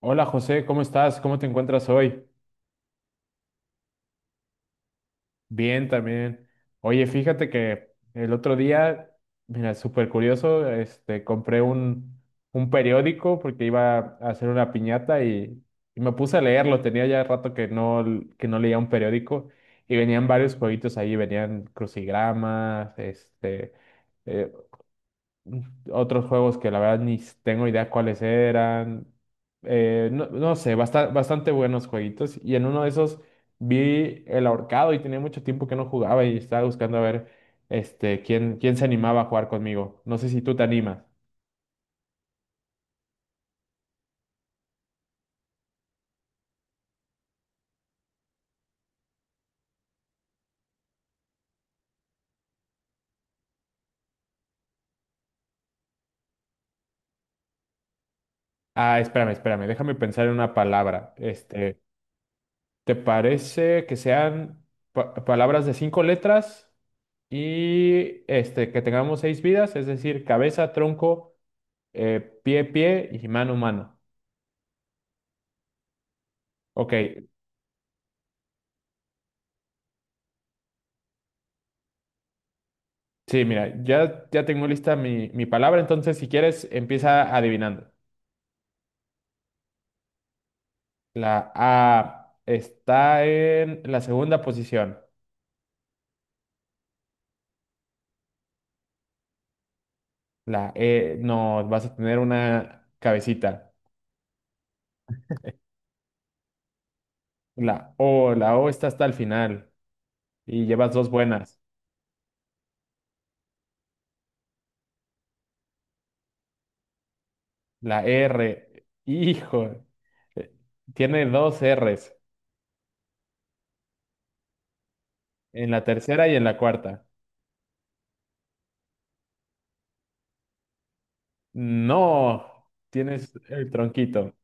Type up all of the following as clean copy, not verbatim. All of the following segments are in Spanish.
Hola José, ¿cómo estás? ¿Cómo te encuentras hoy? Bien también. Oye, fíjate que el otro día, mira, súper curioso, este, compré un periódico porque iba a hacer una piñata y me puse a leerlo. Tenía ya rato que no leía un periódico y venían varios jueguitos ahí, venían crucigramas, este, eh, otros juegos que la verdad ni tengo idea cuáles eran. No, no sé, bastante buenos jueguitos. Y en uno de esos vi El Ahorcado y tenía mucho tiempo que no jugaba y estaba buscando a ver este, quién se animaba a jugar conmigo. No sé si tú te animas. Ah, espérame, espérame, déjame pensar en una palabra. Este, ¿te parece que sean palabras de cinco letras y este, que tengamos seis vidas? Es decir, cabeza, tronco. Pie, pie y mano, mano. Ok, sí, mira, ya, ya tengo lista mi palabra, entonces si quieres empieza adivinando. La A está en la segunda posición. La E, no, vas a tener una cabecita. La O está hasta el final y llevas dos buenas. La R, hijo, eh, tiene dos Rs en la tercera y en la cuarta. No, tienes el tronquito.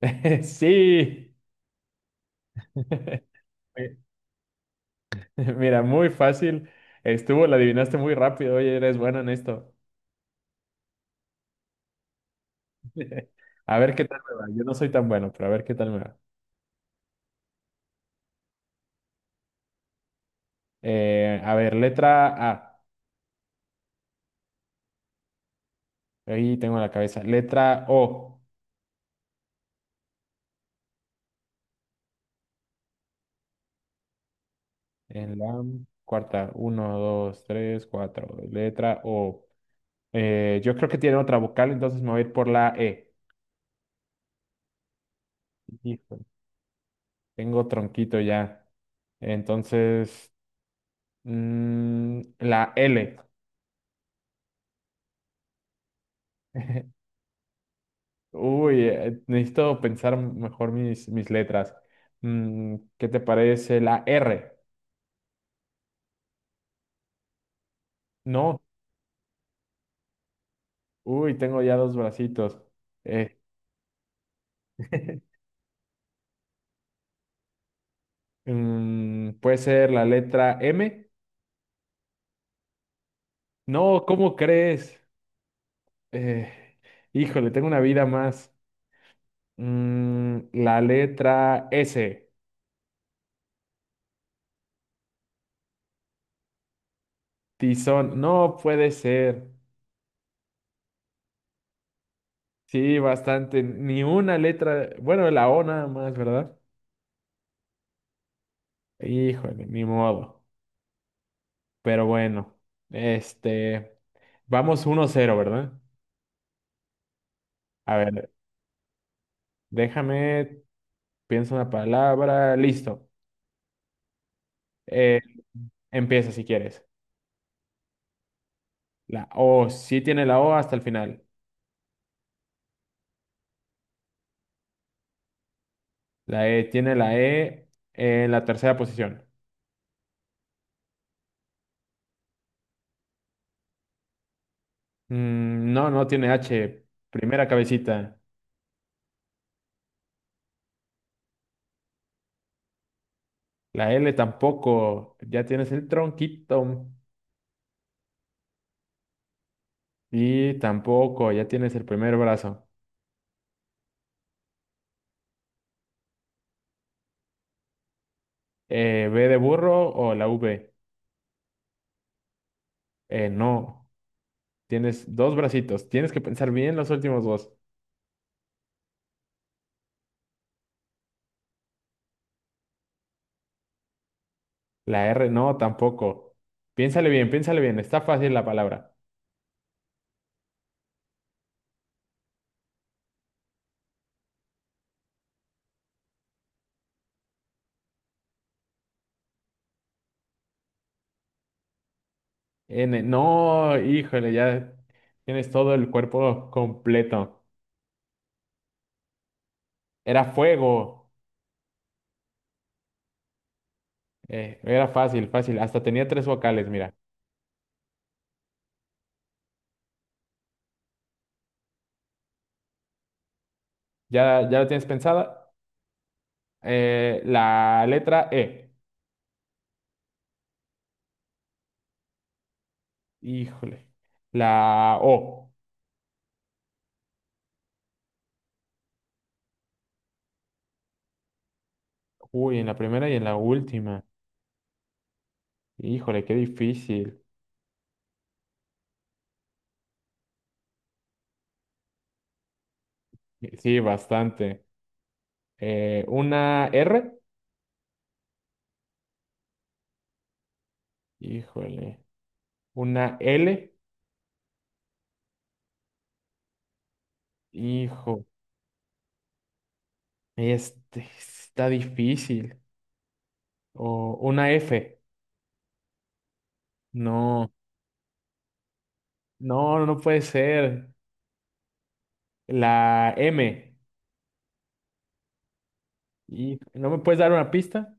Sí. Oye, mira, muy fácil. Estuvo, la adivinaste muy rápido. Oye, eres bueno en esto. A ver qué tal me va. Yo no soy tan bueno, pero a ver qué tal me va. A ver, letra A. Ahí tengo la cabeza. Letra O. En la cuarta. Uno, dos, tres, cuatro. Letra O. Yo creo que tiene otra vocal, entonces me voy a ir por la E. Híjole, tengo tronquito ya. Entonces, la L. Uy, necesito pensar mejor mis letras. ¿Qué te parece la R? No. Uy, tengo ya dos bracitos. Eh, ¿Puede ser la letra M? No, ¿cómo crees? Eh, híjole, tengo una vida más. La letra S. Tizón. No puede ser. Sí, bastante. Ni una letra. Bueno, la O nada más, ¿verdad? Híjole, ni modo. Pero bueno, este, vamos 1-0, ¿verdad? A ver, déjame, pienso una palabra, listo. Eh, empieza si quieres. La O, sí tiene la O hasta el final. La E tiene la E en la tercera posición. No, no tiene H, primera cabecita. La L tampoco, ya tienes el tronquito. Y tampoco, ya tienes el primer brazo. ¿B de burro o la V? No. Tienes dos bracitos. Tienes que pensar bien los últimos dos. La R no, tampoco. Piénsale bien, piénsale bien. Está fácil la palabra. N, no, híjole, ya tienes todo el cuerpo completo. Era fuego. Era fácil, fácil. Hasta tenía tres vocales, mira. Ya, ya la tienes pensada. La letra E. Híjole. La O. Uy, en la primera y en la última. Híjole, qué difícil. Sí, bastante. Una R. Híjole. Una L. Hijo. Este está difícil. O una F. No. No, no no puede ser. La M. ¿Y no me puedes dar una pista?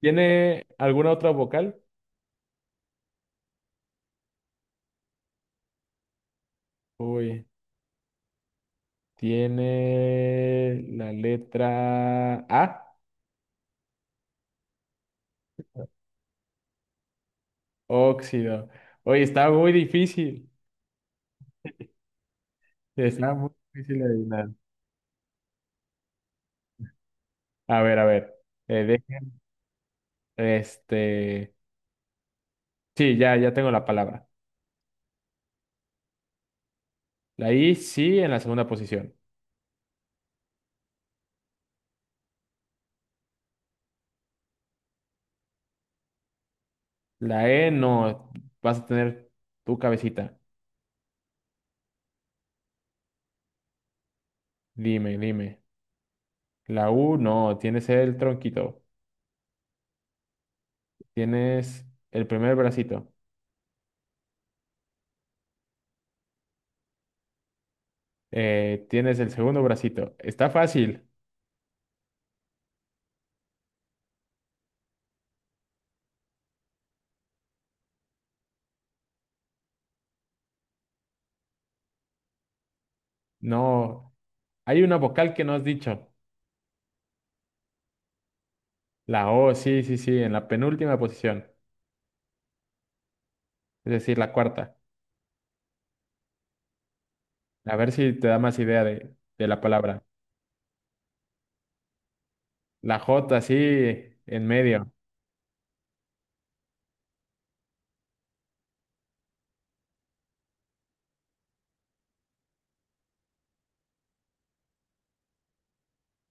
¿Tiene alguna otra vocal? Uy. Tiene la letra A. Óxido. Oye, está muy difícil. Está muy difícil de adivinar. A ver, a ver. Eh, dejen- Este. Sí, ya, ya tengo la palabra. La I sí en la segunda posición. La E no, vas a tener tu cabecita. Dime, dime. La U no, tienes el tronquito, tienes el primer bracito, tienes el segundo bracito. Está fácil. No, hay una vocal que no has dicho. La O, sí, sí, sí, en la penúltima posición, es decir, la cuarta. A ver si te da más idea de la palabra. La J, sí, en medio.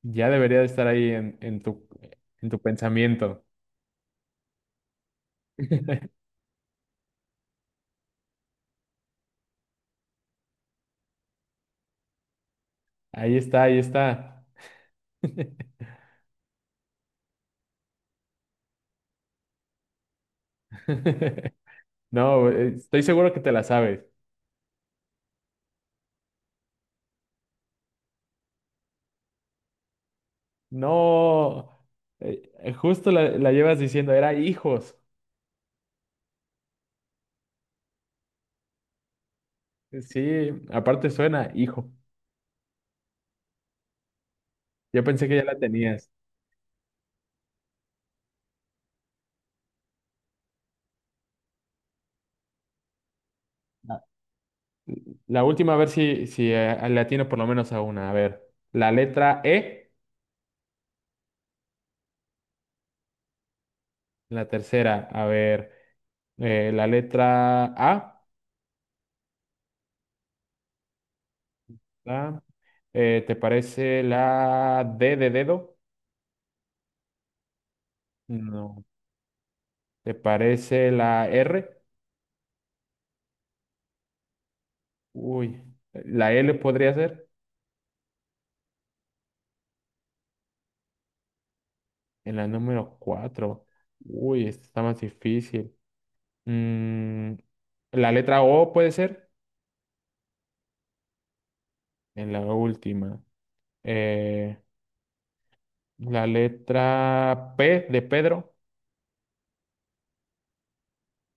Ya debería de estar ahí en tu pensamiento. Ahí está, ahí está. No, estoy seguro que te la sabes. No, justo la llevas diciendo, era hijos. Sí, aparte suena hijo. Yo pensé que ya la tenías. La la última, a ver si le atino por lo menos a una. A ver, la letra E, la tercera. A ver, la letra A, la- ¿te parece la D de dedo? No. ¿Te parece la R? Uy, la L podría ser en la número 4. Uy, esta está más difícil. Mm, la letra O puede ser en la última. Eh, la letra P de Pedro,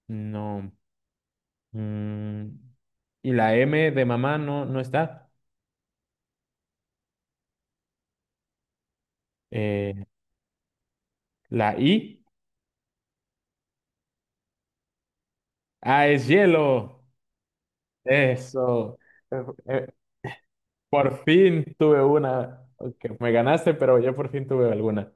no. Mm, y la M de mamá no, no está. Eh, la I, ah, es hielo. Eso. Eh, eh, por fin tuve una. Ok, me ganaste, pero yo por fin tuve alguna.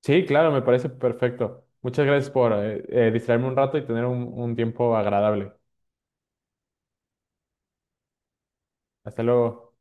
Sí, claro, me parece perfecto. Muchas gracias por distraerme un rato y tener un tiempo agradable. Hasta luego.